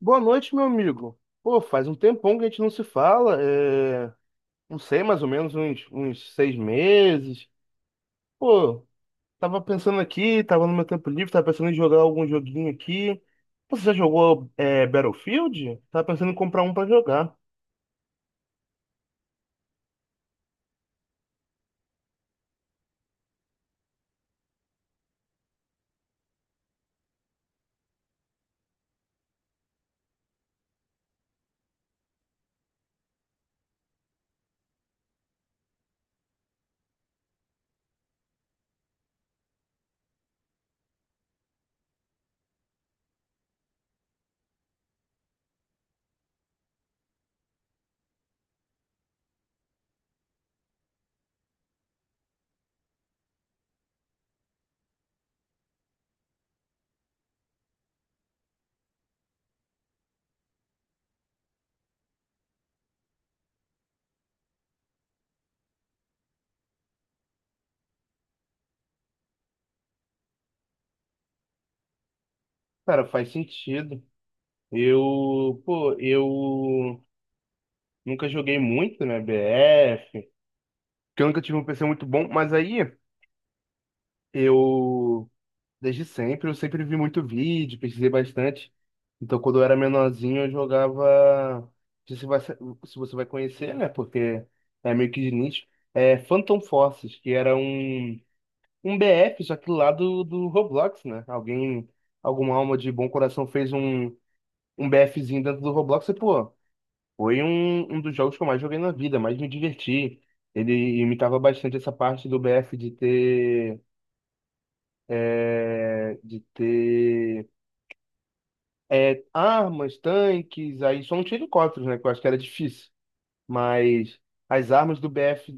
Boa noite, meu amigo. Pô, faz um tempão que a gente não se fala. Não sei, mais ou menos uns 6 meses. Pô, tava pensando aqui, tava no meu tempo livre, tava pensando em jogar algum joguinho aqui. Você já jogou Battlefield? Tava pensando em comprar um pra jogar. Cara, faz sentido. Eu nunca joguei muito, né, BF, porque eu nunca tive um PC muito bom, mas aí eu desde sempre, eu sempre vi muito vídeo, pesquisei bastante. Então, quando eu era menorzinho, eu jogava. Não sei se você vai conhecer, né? Porque é meio que de nicho. É Phantom Forces, que era um BF, só que lá do Roblox, né? Alguém, alguma alma de bom coração fez um BFzinho dentro do Roblox e, pô, foi um dos jogos que eu mais joguei na vida, mais me diverti. Ele imitava bastante essa parte do BF de ter armas, tanques, aí só não tinha helicópteros, né? Que eu acho que era difícil. Mas as armas do BF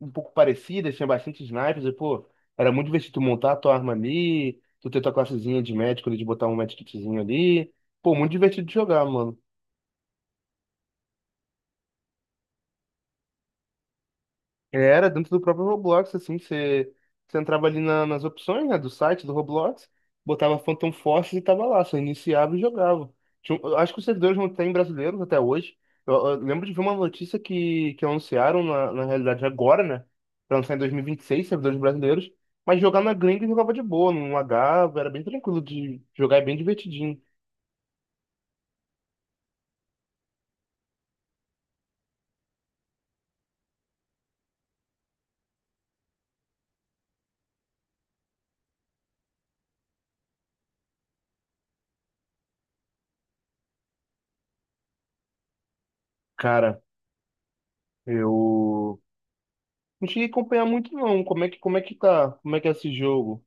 um pouco parecidas, tinha bastante snipers, e pô, era muito divertido tu montar a tua arma ali, tu ter tua classezinha de médico ali, de botar um medkitzinho ali. Pô, muito divertido de jogar, mano. Era dentro do próprio Roblox, assim, você entrava ali na- nas opções, né, do site do Roblox, botava Phantom Force e tava lá, você iniciava e jogava. Tinha um- eu acho que os servidores não têm brasileiros até hoje. Eu lembro de ver uma notícia que anunciaram, na realidade, agora, né, pra lançar em 2026, servidores brasileiros, mas jogar na gringa jogava de boa, não lagava, era bem tranquilo de jogar, é bem divertidinho. Cara, eu não cheguei a acompanhar muito, não, como é que tá, como é que é esse jogo.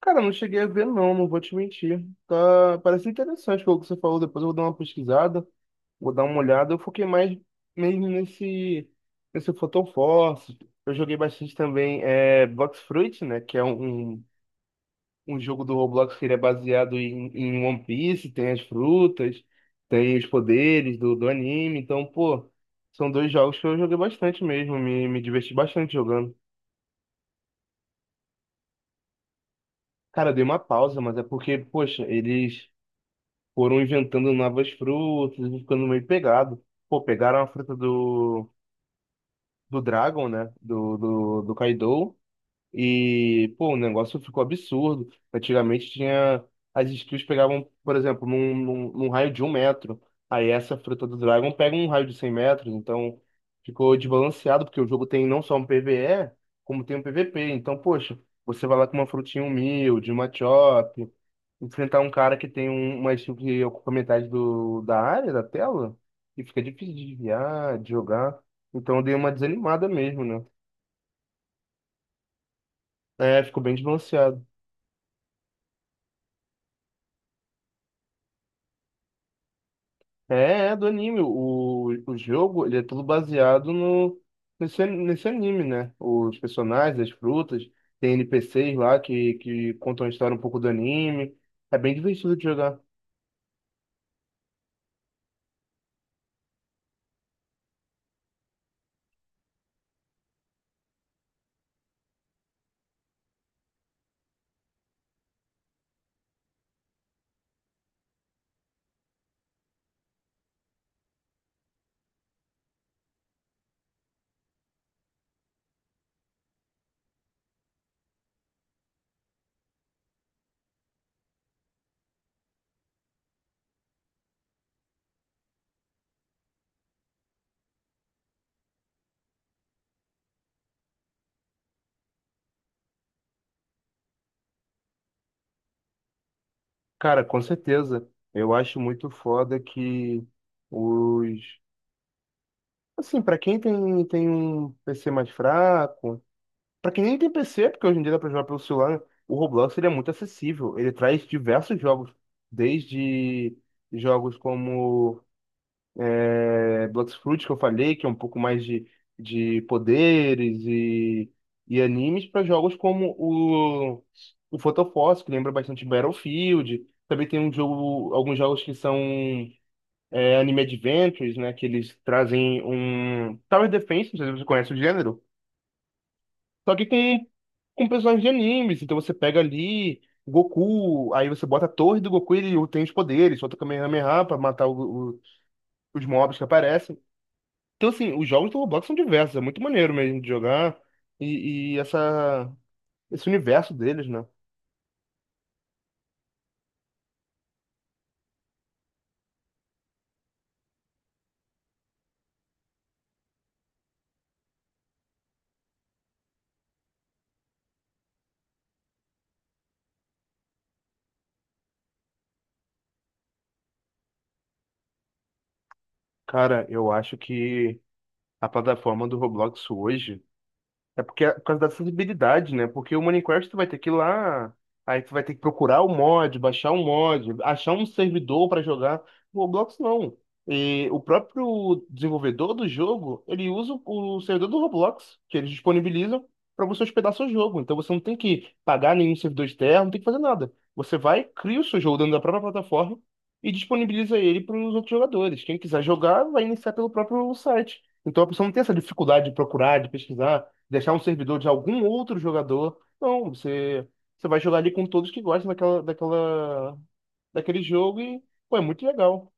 Cara, eu não cheguei a ver, não, não vou te mentir. Tá, parece interessante o que você falou. Depois eu vou dar uma pesquisada, vou dar uma olhada. Eu foquei mais mesmo nesse Photon Force. Eu joguei bastante também Blox Fruit, né? Que é um um jogo do Roblox que ele é baseado em One Piece. Tem as frutas, tem os poderes do anime. Então, pô, são dois jogos que eu joguei bastante mesmo. Me diverti bastante jogando. Cara, eu dei uma pausa, mas é porque, poxa, eles foram inventando novas frutas e ficando meio pegado. Pô, pegaram a fruta do Dragon, né? Do Kaido. E, pô, o negócio ficou absurdo. Antigamente tinha. As skills pegavam, por exemplo, num raio de 1 metro. Aí essa fruta do Dragon pega um raio de 100 metros. Então ficou desbalanceado, porque o jogo tem não só um PvE, como tem um PvP. Então, poxa, você vai lá com uma frutinha humilde, uma chop enfrentar um cara que tem um, umas chutes que ocupa metade da área, da tela, e fica difícil de desviar, de jogar. Então eu dei uma desanimada mesmo, né? É, ficou bem desbalanceado. É, é do anime. O jogo, ele é tudo baseado no, nesse, nesse anime, né? Os personagens, as frutas, tem NPCs lá que contam a história um pouco do anime. É bem divertido de jogar. Cara, com certeza. Eu acho muito foda que os, assim, pra quem tem um PC mais fraco, pra quem nem tem PC, porque hoje em dia dá pra jogar pelo celular, o Roblox ele é muito acessível. Ele traz diversos jogos, desde jogos como Blox Fruit, que eu falei, que é um pouco mais de poderes e animes, para jogos como o Photophos, que lembra bastante Battlefield. Também tem um jogo, alguns jogos que são Anime Adventures, né? Que eles trazem um Tower Defense, não sei se você conhece o gênero, só que com personagens de animes. Então você pega ali Goku, aí você bota a torre do Goku e ele tem os poderes, solta o Kamehameha pra matar os mobs que aparecem. Então, assim, os jogos do Roblox são diversos, é muito maneiro mesmo de jogar. E, esse universo deles, né? Cara, eu acho que a plataforma do Roblox hoje, é porque é por causa da acessibilidade, né? Porque o Minecraft tu vai ter que ir lá, aí tu vai ter que procurar o mod, baixar um mod, achar um servidor para jogar. O Roblox não. E o próprio desenvolvedor do jogo, ele usa o servidor do Roblox, que eles disponibilizam para você hospedar seu jogo. Então você não tem que pagar nenhum servidor externo, não tem que fazer nada. Você vai, cria o seu jogo dentro da própria plataforma e disponibiliza ele para os outros jogadores. Quem quiser jogar, vai iniciar pelo próprio site. Então a pessoa não tem essa dificuldade de procurar, de pesquisar, deixar um servidor de algum outro jogador. Não, você vai jogar ali com todos que gostam daquele jogo e, pô, é muito legal.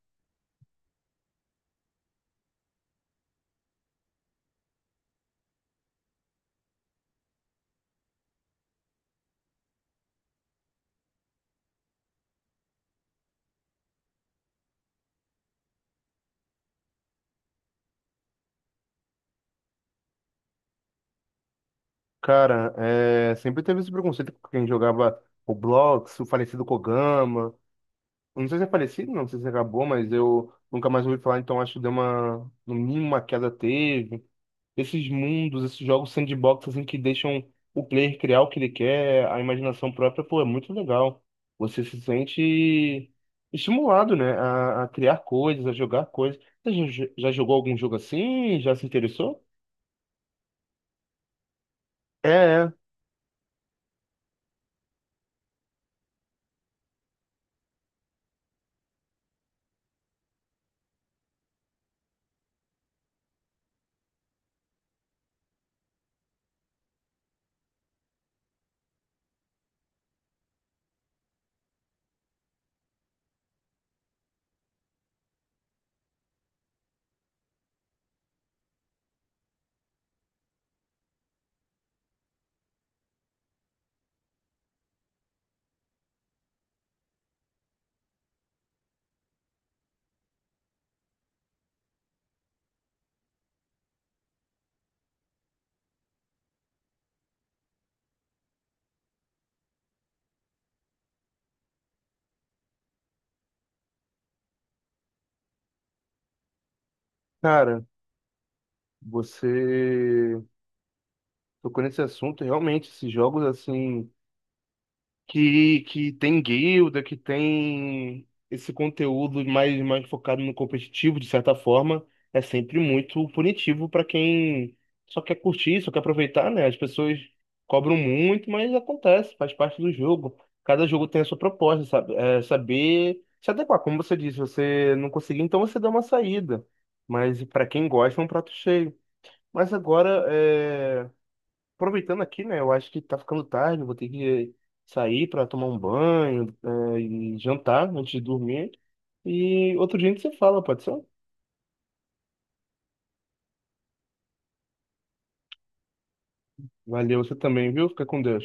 Cara, é, sempre teve esse preconceito com quem jogava Roblox, o falecido Kogama. Eu não sei se é falecido, não sei se acabou, mas eu nunca mais ouvi falar, então acho que deu uma, no mínimo uma queda teve. Esses mundos, esses jogos sandbox assim que deixam o player criar o que ele quer, a imaginação própria, pô, é muito legal. Você se sente estimulado, né, a criar coisas, a jogar coisas. Você já jogou algum jogo assim? Já se interessou? É, é, cara, você tocou nesse assunto, realmente, esses jogos assim que tem guilda, que tem esse conteúdo mais, mais focado no competitivo, de certa forma, é sempre muito punitivo para quem só quer curtir, só quer aproveitar, né? As pessoas cobram muito, mas acontece, faz parte do jogo. Cada jogo tem a sua proposta, sabe? É saber se adequar. Como você disse, você não conseguiu, então você dá uma saída. Mas para quem gosta, é um prato cheio. Mas agora, aproveitando aqui, né? Eu acho que tá ficando tarde, vou ter que eh, sair para tomar um banho, e jantar antes de dormir. E outro dia a gente se fala, pode ser? Valeu, você também, viu? Fica com Deus.